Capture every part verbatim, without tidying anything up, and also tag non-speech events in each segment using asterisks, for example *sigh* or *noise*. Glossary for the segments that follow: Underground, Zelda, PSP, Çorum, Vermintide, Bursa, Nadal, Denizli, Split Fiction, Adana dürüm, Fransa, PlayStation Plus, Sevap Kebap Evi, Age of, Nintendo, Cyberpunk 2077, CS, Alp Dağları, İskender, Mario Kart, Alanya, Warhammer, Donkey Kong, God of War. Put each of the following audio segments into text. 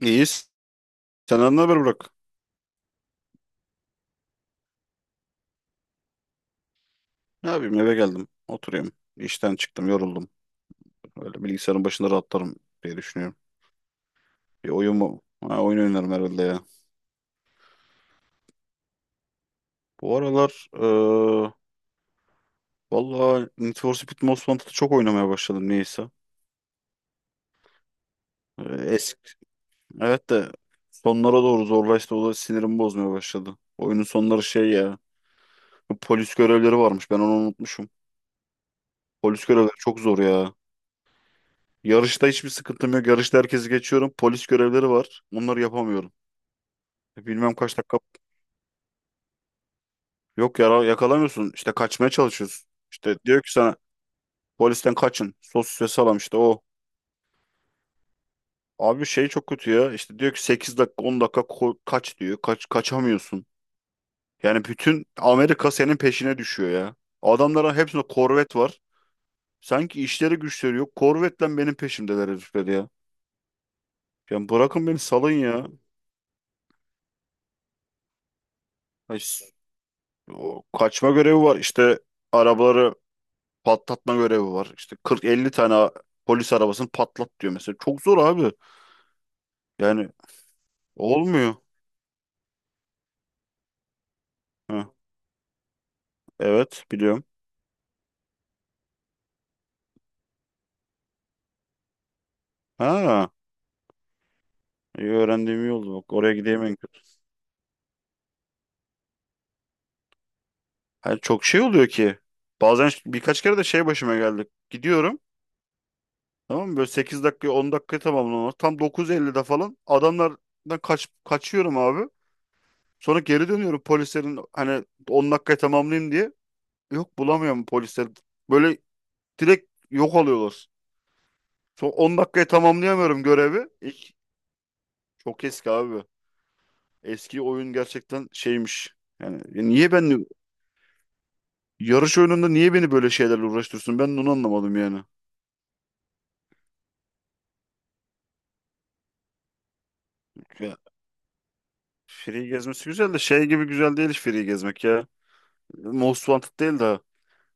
İyiyiz. Senden ne haber Burak? Ne yapayım eve geldim. Oturuyorum. İşten çıktım yoruldum. Öyle bilgisayarın başında rahatlarım diye düşünüyorum. Bir oyun mu? Ha, oyun oynarım herhalde ya. Bu aralar eee valla Need for Speed Most Wanted'ı çok oynamaya başladım niyeyse. Eee, eski. Evet de sonlara doğru zorlaştı. O da sinirimi bozmaya başladı. Oyunun sonları şey ya. Polis görevleri varmış. Ben onu unutmuşum. Polis görevleri çok zor ya. Yarışta hiçbir sıkıntım yok. Yarışta herkesi geçiyorum. Polis görevleri var. Onları yapamıyorum. Bilmem kaç dakika. Yok yara yakalamıyorsun. İşte kaçmaya çalışıyorsun. İşte diyor ki sana polisten kaçın. Sos ve salam işte o. Abi şey çok kötü ya. İşte diyor ki sekiz dakika on dakika ko- kaç diyor. Kaç kaçamıyorsun. Yani bütün Amerika senin peşine düşüyor ya. Adamların hepsinde korvet var. Sanki işleri güçleri yok. Korvetle benim peşimdeler herifler ya. Yani bırakın beni salın ya. Ay, s- o kaçma görevi var. İşte arabaları patlatma görevi var. İşte kırk elli tane polis arabasını patlat diyor mesela. Çok zor abi. Yani olmuyor. Ha, evet biliyorum. Ha, iyi öğrendiğim iyi oldu. Bak oraya gideyim en kötü. Yani çok şey oluyor ki. Bazen ş- birkaç kere de şey başıma geldi. Gidiyorum. Tamam mı? Böyle sekiz dakikayı on dakikayı tamamlamam. Tam dokuz ellide falan adamlardan kaç, kaçıyorum abi. Sonra geri dönüyorum polislerin hani on dakikayı tamamlayayım diye. Yok bulamıyorum polisler. Böyle direkt yok alıyorlar. Son on dakikaya tamamlayamıyorum görevi. İlk çok eski abi. Eski oyun gerçekten şeymiş. Yani niye ben yarış oyununda niye beni böyle şeylerle uğraştırsın? Ben onu anlamadım yani. Ya, free gezmesi güzel de şey gibi güzel değil hiç free gezmek ya. Most Wanted değil de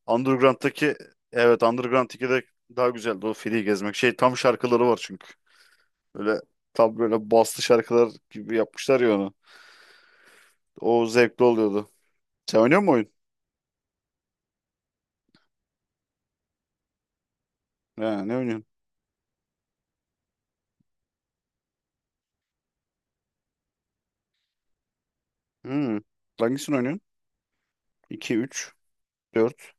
Underground'daki evet Underground ikide daha güzeldi o free gezmek. Şey tam şarkıları var çünkü. Böyle tam böyle baslı şarkılar gibi yapmışlar ya onu. O zevkli oluyordu. Sen oynuyor musun oyun? Ha, ne oynuyorsun? Hmm. Hangisini oynuyorsun? iki, üç dört.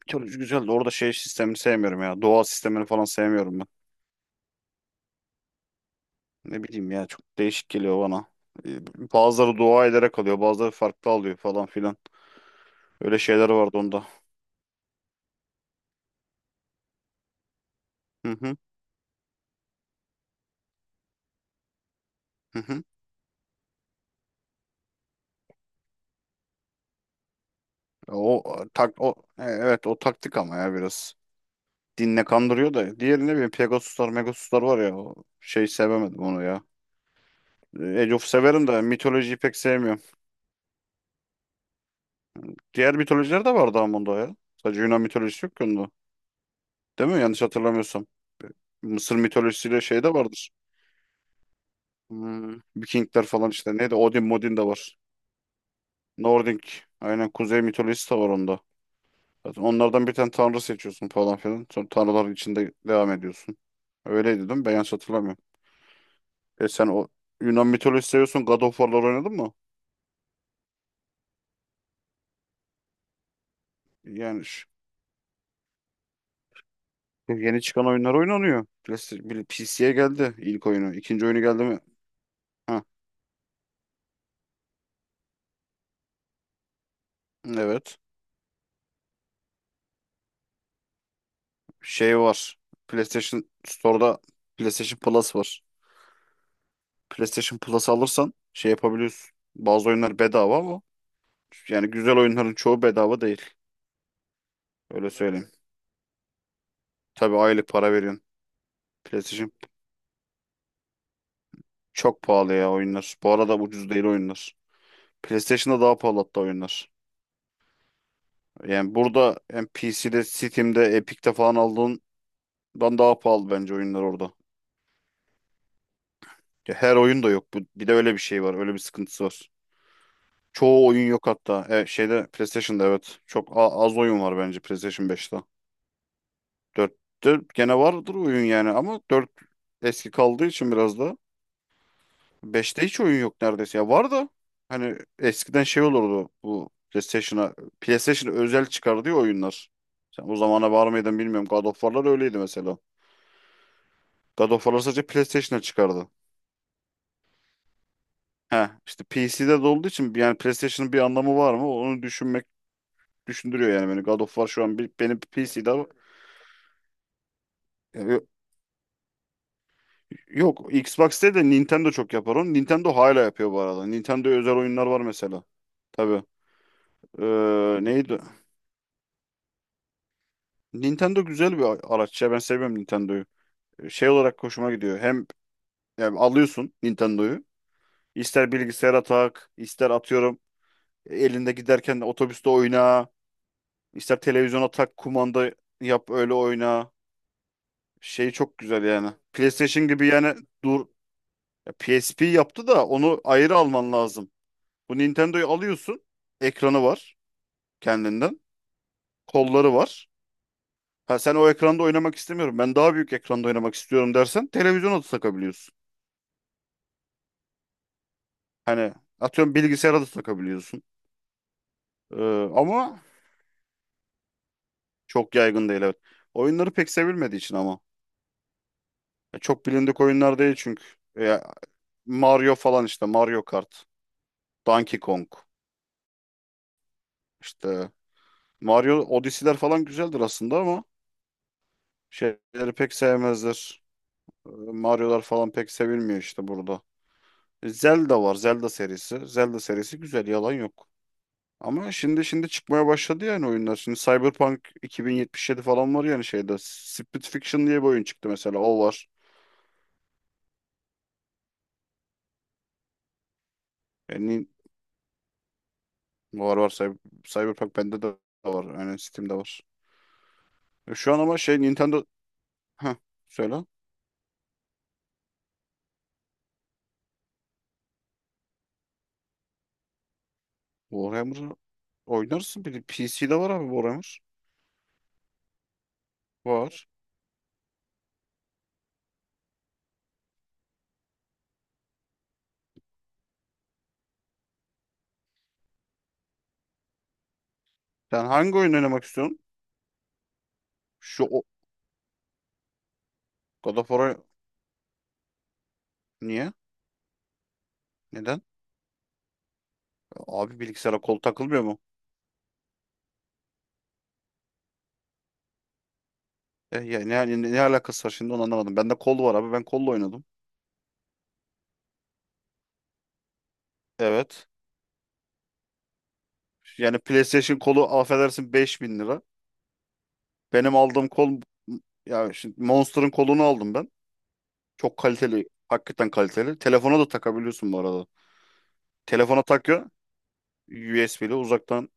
Mitoloji güzeldi orada şey sistemini sevmiyorum ya. Doğa sistemini falan sevmiyorum ben. Ne bileyim ya çok değişik geliyor bana. Ee, Bazıları dua ederek alıyor, bazıları farklı alıyor falan filan. Öyle şeyler vardı onda. Hı hı hı hı. O tak o e, evet o taktik ama ya biraz. Dinle kandırıyor da. Diğeri ne bileyim Pegasuslar, Megasuslar var ya. O şey sevemedim onu ya. Ee, Age of severim de mitolojiyi pek sevmiyorum. Diğer mitolojiler de vardı ama onda ya. Sadece Yunan mitolojisi yok ki onda. Değil mi? Yanlış hatırlamıyorsam. Mısır mitolojisiyle şey de vardır. Hmm, Vikingler falan işte. Neydi? Odin Modin de var. Nordik. Aynen kuzey mitolojisi de var onda. Zaten onlardan bir tane tanrı seçiyorsun falan filan. Sonra tanrıların içinde devam ediyorsun. Öyleydi değil mi? Ben yanlış hatırlamıyorum. E sen o Yunan mitolojisi seviyorsun. God of War'lar oynadın mı? Yani şu- yeni çıkan oyunlar oynanıyor. P C'ye geldi ilk oyunu. İkinci oyunu geldi mi? Ha, evet. Şey var. PlayStation Store'da PlayStation Plus var. PlayStation Plus alırsan şey yapabiliyorsun. Bazı oyunlar bedava ama yani güzel oyunların çoğu bedava değil. Öyle söyleyeyim. Tabii aylık para veriyorsun. PlayStation çok pahalı ya oyunlar. Bu arada ucuz değil oyunlar. PlayStation'da daha pahalı hatta oyunlar. Yani burada hem P C'de, Steam'de, Epic'te falan aldığından daha pahalı bence oyunlar orada. Ya her oyun da yok. Bu- Bir de öyle bir şey var. Öyle bir sıkıntısı var. Çoğu oyun yok hatta. E, şeyde PlayStation'da evet. Çok a- az oyun var bence PlayStation beşte. Dörtte gene vardır oyun yani ama dört eski kaldığı için biraz da. Beşte hiç oyun yok neredeyse. Ya var da hani eskiden şey olurdu bu PlayStation'a PlayStation'a özel çıkardığı oyunlar. Sen o zamana var mıydın bilmiyorum. God of War'lar öyleydi mesela. God of War'lar sadece PlayStation'a çıkardı. He işte P C'de de olduğu için yani PlayStation'ın bir anlamı var mı? Onu düşünmek düşündürüyor yani beni. God of War şu an bir, benim P C'de. Yok, Xbox'te de Nintendo çok yapar onu. Nintendo hala yapıyor bu arada. Nintendo'ya özel oyunlar var mesela. Tabii. Ee, neydi? Nintendo güzel bir a- araç ya. Ben seviyorum Nintendo'yu. Şey olarak hoşuma gidiyor. Hem yani alıyorsun Nintendo'yu. İster bilgisayara tak, ister atıyorum elinde giderken de otobüste oyna, ister televizyona tak, kumanda yap öyle oyna. Şey çok güzel yani. PlayStation gibi yani dur ya P S P yaptı da onu ayrı alman lazım. Bu Nintendo'yu alıyorsun. Ekranı var kendinden. Kolları var. Ha sen o ekranda oynamak istemiyorum. Ben daha büyük ekranda oynamak istiyorum dersen televizyona da takabiliyorsun. Hani atıyorum bilgisayara da takabiliyorsun. Ee, ama çok yaygın değil evet. Oyunları pek sevilmediği için ama. Ya çok bilindik oyunlar değil çünkü. Ya Mario falan işte Mario Kart, Donkey Kong işte Mario Odyssey'ler falan güzeldir aslında ama şeyleri pek sevmezler. Ee, Mario'lar falan pek sevilmiyor işte burada. Zelda var. Zelda serisi. Zelda serisi güzel. Yalan yok. Ama şimdi şimdi çıkmaya başladı yani oyunlar. Şimdi Cyberpunk iki bin yetmiş yedi falan var yani şeyde. Split Fiction diye bir oyun çıktı mesela. O var. Yani var var. Cyber- Cyberpunk bende de var. Yani Steam'de var. E Şu an ama şey Nintendo... Heh, söyle. Warhammer'ı oynarsın. Bir de P C'de var abi Warhammer. Var. Sen hangi oyun oynamak istiyorsun? Şu o... God of War'a niye? Neden? Abi bilgisayara kol takılmıyor mu? E, ya ne, hani ne, ne alakası var şimdi onu anlamadım. Bende kol var abi. Ben kolla oynadım. Evet. Yani PlayStation kolu affedersin beş bin lira. Benim aldığım kol ya şimdi Monster'ın kolunu aldım ben. Çok kaliteli. Hakikaten kaliteli. Telefona da takabiliyorsun bu arada. Telefona takıyor. U S B ile uzaktan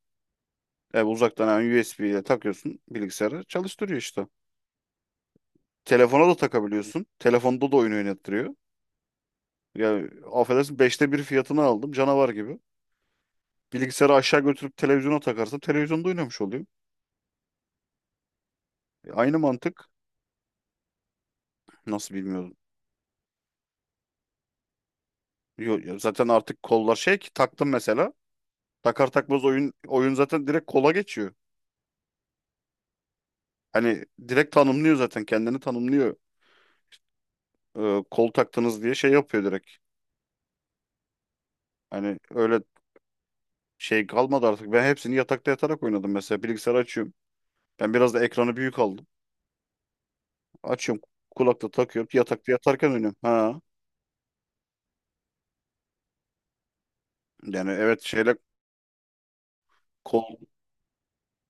e, uzaktan yani U S B ile takıyorsun bilgisayarı çalıştırıyor işte. Telefona da takabiliyorsun. Telefonda da oyun oynattırıyor. Ya affedersin beşte bir fiyatını aldım canavar gibi. Bilgisayarı aşağı götürüp televizyona takarsın. Televizyonda oynamış oluyor. E, Aynı mantık. Nasıl bilmiyordum. Yo- ya zaten artık kollar şey ki taktım mesela. Takar takmaz oyun oyun zaten direkt kola geçiyor. Hani direkt tanımlıyor zaten kendini tanımlıyor. E, kol taktınız diye şey yapıyor direkt. Hani öyle şey kalmadı artık. Ben hepsini yatakta yatarak oynadım mesela. Bilgisayarı açıyorum. Ben biraz da ekranı büyük aldım. Açıyorum kulakta takıyorum. Yatakta yatarken oynuyorum. Ha. Yani evet şeyle kol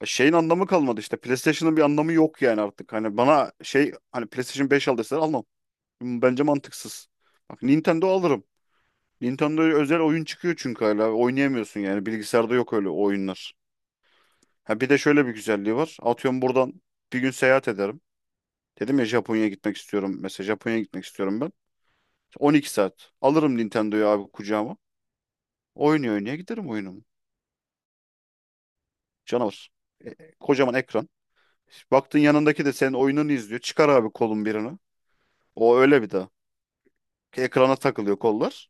şeyin anlamı kalmadı işte. PlayStation'ın bir anlamı yok yani artık. Hani bana şey hani PlayStation beş aldıysa almam. Bence mantıksız. Bak Nintendo alırım. Nintendo'ya özel oyun çıkıyor çünkü hala. Oynayamıyorsun yani. Bilgisayarda yok öyle oyunlar. Ha bir de şöyle bir güzelliği var. Atıyorum buradan bir gün seyahat ederim. Dedim ya Japonya'ya gitmek istiyorum. Mesela Japonya'ya gitmek istiyorum ben. on iki saat. Alırım Nintendo'yu abi kucağıma. Oynuyor oynaya giderim oyunumu. Canavar. E, e, kocaman ekran. Baktın yanındaki de senin oyununu izliyor. Çıkar abi kolun birini. O öyle bir daha. Ekrana takılıyor kollar.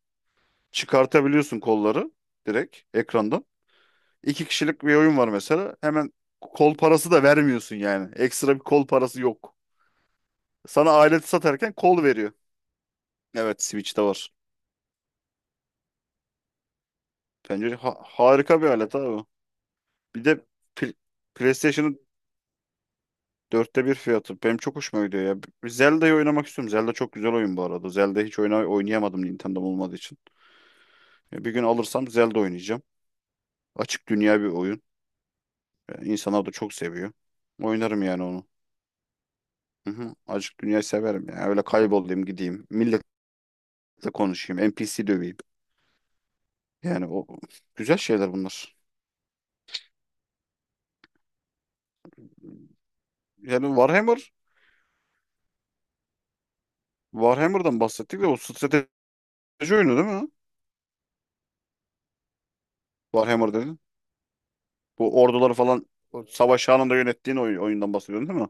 Çıkartabiliyorsun kolları direkt ekrandan. İki kişilik bir oyun var mesela. Hemen kol parası da vermiyorsun yani. Ekstra bir kol parası yok. Sana aleti satarken kol veriyor. Evet Switch'te var. Bence ha- harika bir alet abi. Bir de pl- PlayStation'ın dörtte bir fiyatı. Benim çok hoşuma gidiyor ya. Bir Zelda'yı oynamak istiyorum. Zelda çok güzel oyun bu arada. Zelda hiç oyna oynayamadım Nintendo'm olmadığı için. Ya bir gün alırsam Zelda oynayacağım. Açık dünya bir oyun. Yani İnsanlar da çok seviyor. Oynarım yani onu. Hı hı. Açık dünyayı severim ya. Öyle kaybolayım gideyim. Millet da konuşayım. N P C döveyim. Yani o güzel şeyler bunlar. Yani Warhammer, Warhammer'dan bahsettik de o strateji oyunu değil mi? Warhammer dedin. Bu orduları falan o savaş anında yönettiğin oy- oyundan bahsediyorsun değil mi?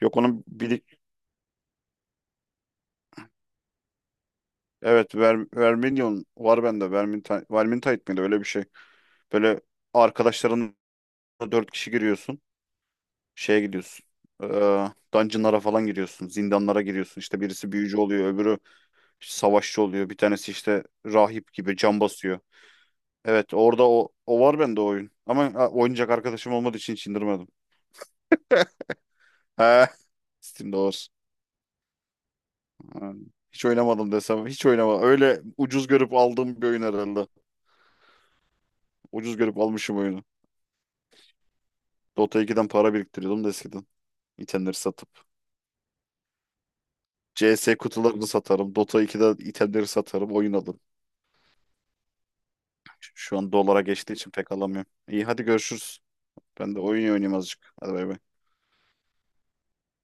Yok onun bilik evet Ver Verminion var bende. Vermintide, Vermintide miydi öyle bir şey. Böyle arkadaşlarınla dört kişi giriyorsun. Şeye gidiyorsun. Ee, dungeonlara falan giriyorsun. Zindanlara giriyorsun. İşte birisi büyücü oluyor, öbürü savaşçı oluyor. Bir tanesi işte rahip gibi can basıyor. Evet orada o, o var bende o oyun. Ama ha, oynayacak arkadaşım olmadığı için hiç indirmedim. *laughs* He. Steam'de var. Ha, hiç oynamadım desem. Hiç oynamadım. Öyle ucuz görüp aldığım bir oyun herhalde. Ucuz görüp almışım oyunu. Dota ikiden para biriktiriyordum da eskiden. İtemleri satıp. C S kutularını satarım. Dota ikide itemleri satarım. Oyun alırım. Şu an dolara geçtiği için pek alamıyorum. İyi hadi görüşürüz. Ben de oyun oynayayım azıcık. Hadi bay bay.